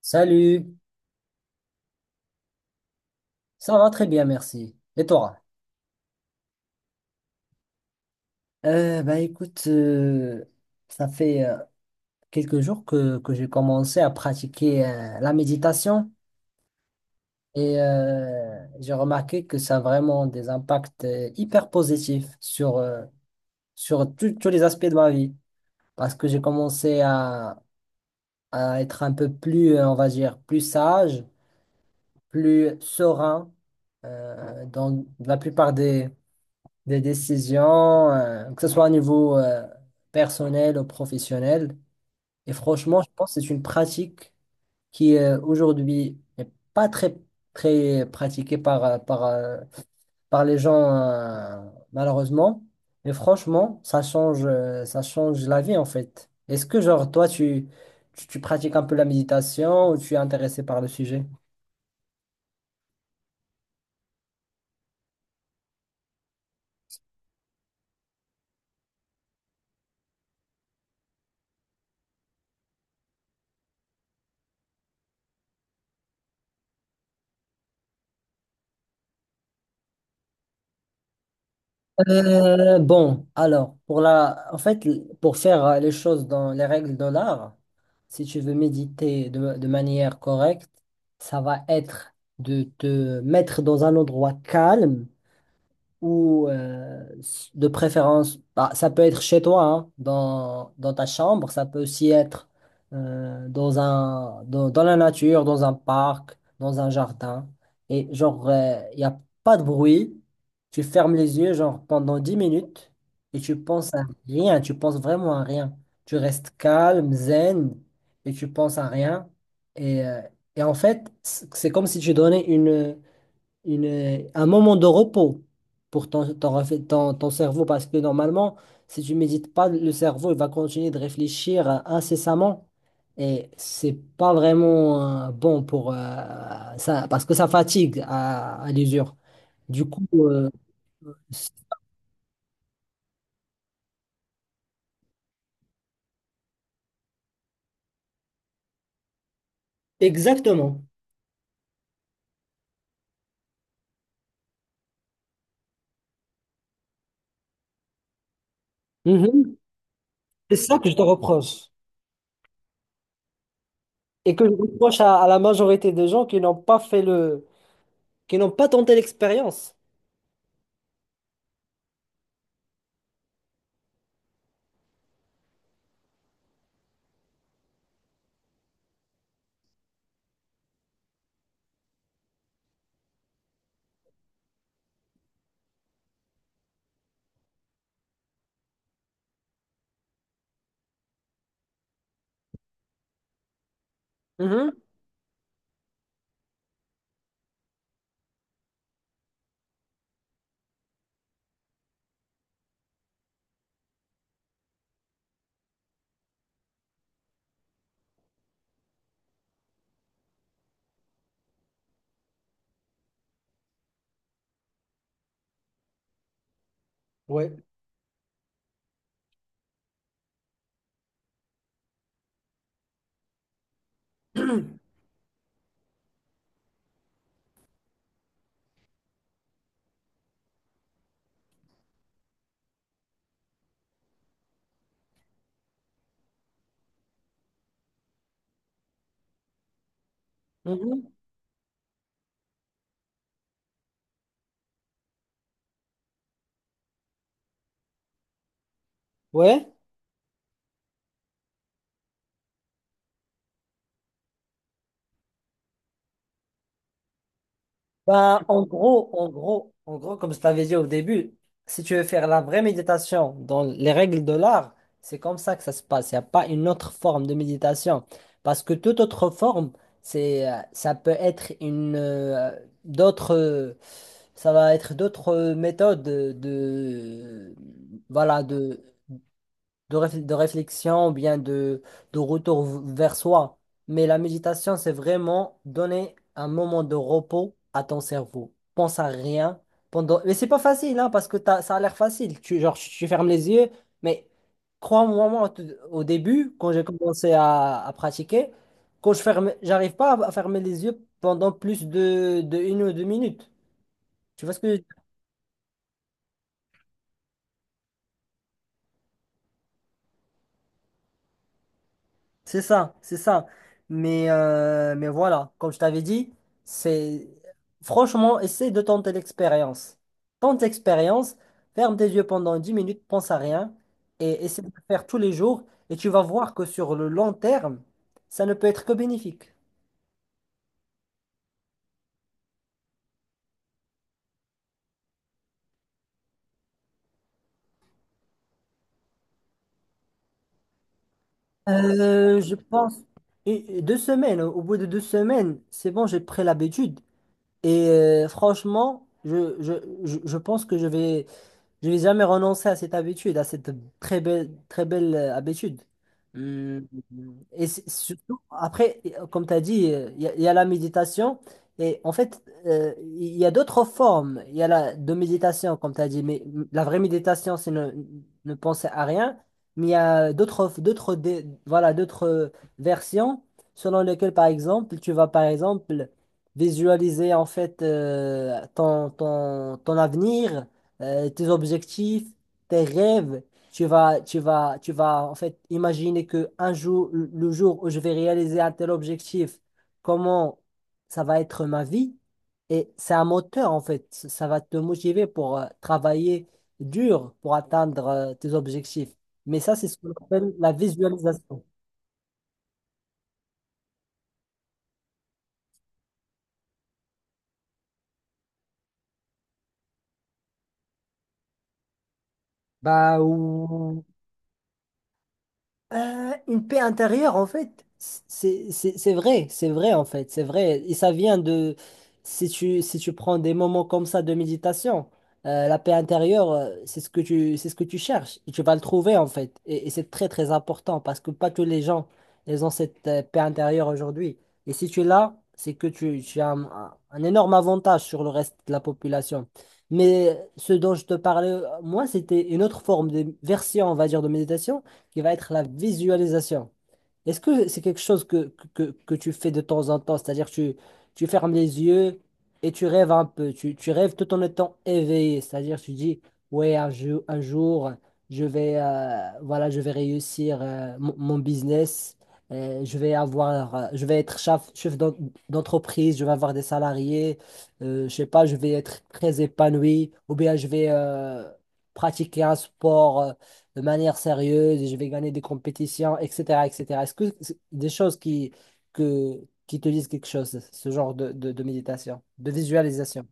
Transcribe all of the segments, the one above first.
Salut, ça va très bien, merci. Et toi? Bah écoute, ça fait quelques jours que j'ai commencé à pratiquer la méditation et j'ai remarqué que ça a vraiment des impacts hyper positifs sur sur tous les aspects de ma vie parce que j'ai commencé à être un peu plus, on va dire, plus sage, plus serein dans la plupart des décisions, que ce soit au niveau personnel ou professionnel. Et franchement, je pense que c'est une pratique qui aujourd'hui n'est pas très pratiquée par par les gens, malheureusement. Mais franchement, ça change la vie en fait. Est-ce que, genre, toi, tu pratiques un peu la méditation ou tu es intéressé par le sujet? Bon, alors, en fait, pour faire les choses dans les règles de l'art, si tu veux méditer de manière correcte, ça va être de te mettre dans un endroit calme ou de préférence, bah, ça peut être chez toi, hein, dans ta chambre, ça peut aussi être dans la nature, dans un parc, dans un jardin. Et genre, il n'y a pas de bruit, tu fermes les yeux genre pendant 10 minutes et tu penses à rien, tu penses vraiment à rien. Tu restes calme, zen et tu penses à rien. Et, euh, et en fait, c'est comme si tu donnais une un moment de repos pour ton ton cerveau parce que normalement, si tu médites pas, le cerveau il va continuer de réfléchir incessamment et c'est pas vraiment bon pour ça parce que ça fatigue à l'usure. Du coup, c- exactement. Mhm. C'est ça que je te reproche et que je reproche à la majorité des gens qui n'ont pas fait le, qui n'ont pas tenté l'expérience. Mhm. Ouais. Mhm. Ouais. Ben, en gros, comme je t'avais dit au début, si tu veux faire la vraie méditation dans les règles de l'art, c'est comme ça que ça se passe. Il n'y a pas une autre forme de méditation. Parce que toute autre forme, ça peut être d'autres, euh, ça va être d'autres méthodes voilà, réf- de réflexion ou bien de retour v- vers soi. Mais la méditation, c'est vraiment donner un moment de repos à ton cerveau. Pense à rien pendant... Mais c'est pas facile, hein, parce que t'as- ça a l'air facile. Tu, genre, tu fermes les yeux, mais crois-moi, moi, au tout- au début, quand j'ai commencé à pratiquer, quand je ferme, j'arrive pas à fermer les yeux pendant plus de une ou deux minutes. Tu vois ce que... C'est ça, c'est ça. Mais voilà, comme je t'avais dit, c'est franchement, essaie de tenter l'expérience. Tente l'expérience, ferme tes yeux pendant 10 minutes, pense à rien et essaie de le faire tous les jours et tu vas voir que sur le long terme, ça ne peut être que bénéfique. Je pense et deux semaines, au bout de deux semaines, c'est bon, j'ai pris l'habitude et franchement, je pense que je vais je vais jamais renoncer à cette habitude, à cette très belle habitude. Hum, Et c'est- surtout, après, comme tu as dit, il y a la méditation. Et en fait, il y a d'autres formes. Il y a la de méditation, comme tu as dit. Mais mm, la vraie méditation, c'est ne, ne penser à rien. Mais il y a d'autres, dé- voilà, d'autres versions selon lesquelles, par exemple, tu vas, par exemple, visualiser en fait ton avenir tes objectifs, tes rêves. Tu vas en fait imaginer que un jour, le jour où je vais réaliser un tel objectif, comment ça va être ma vie. Et c'est un moteur en fait. Ça va te motiver pour travailler dur pour atteindre tes objectifs. Mais ça, c'est ce qu'on appelle la visualisation. Bah, ou- une paix intérieure, en fait, c'est vrai, en fait, c'est vrai. Et ça vient de, si tu prends des moments comme ça de méditation, la paix intérieure, c'est ce que c'est ce que tu cherches. Et tu vas le trouver, en fait. Et c'est très important parce que pas tous les gens, ils ont cette paix intérieure aujourd'hui. Et si tu l'as, c'est que tu as un énorme avantage sur le reste de la population. Mais ce dont je te parlais, moi, c'était une autre forme de version, on va dire, de méditation qui va être la visualisation. Est-ce que c'est quelque chose que tu fais de temps en temps? C'est-à-dire tu, tu fermes les yeux et tu rêves un peu. Tu rêves tout en étant éveillé. C'est-à-dire tu dis, ouais, un, jou- un jour, je vais, voilà, je vais réussir mon business. Je vais avoir, je vais être chef d'en- d'entreprise, je vais avoir des salariés, je sais pas, je vais être très épanoui, ou bien je vais pratiquer un sport de manière sérieuse et je vais gagner des compétitions, etc., etc. Est-ce que c'est des choses que, qui te disent quelque chose, ce genre de méditation, de visualisation?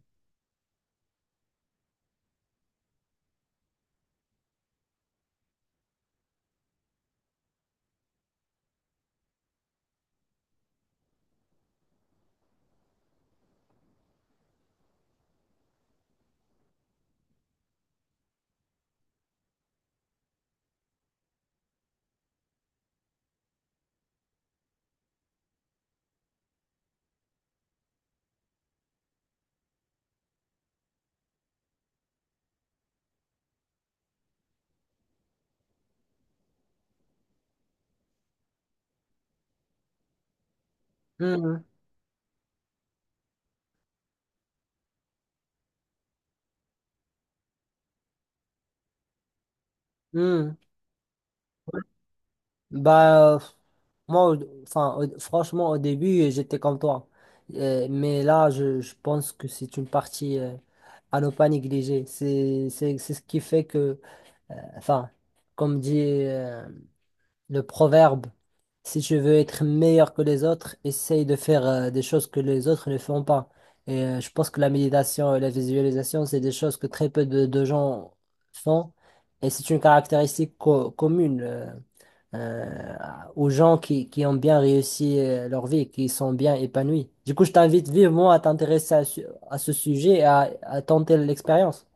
Mhm, mhm. Bah, moi, au- enfin, au- franchement, au début, j'étais comme toi. Mais là, je pense que c'est une partie à ne pas négliger. C'est ce qui fait que, enfin, comme dit le proverbe, si tu veux être meilleur que les autres, essaye de faire des choses que les autres ne font pas. Et je pense que la méditation et la visualisation, c'est des choses que très peu de gens font. Et c'est une caractéristique co- commune euh, aux gens qui ont bien réussi leur vie, qui sont bien épanouis. Du coup, je t'invite vivement à t'intéresser à, su- à ce sujet et à tenter l'expérience.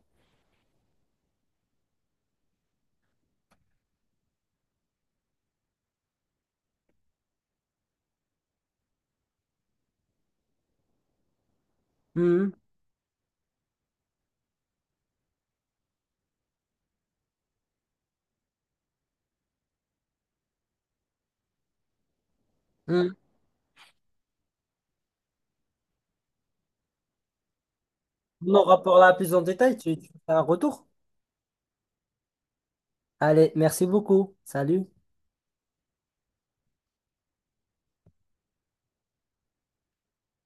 Mhm. Mhm. Mon rapport là plus en détail, tu fais un retour. Allez, merci beaucoup. Salut.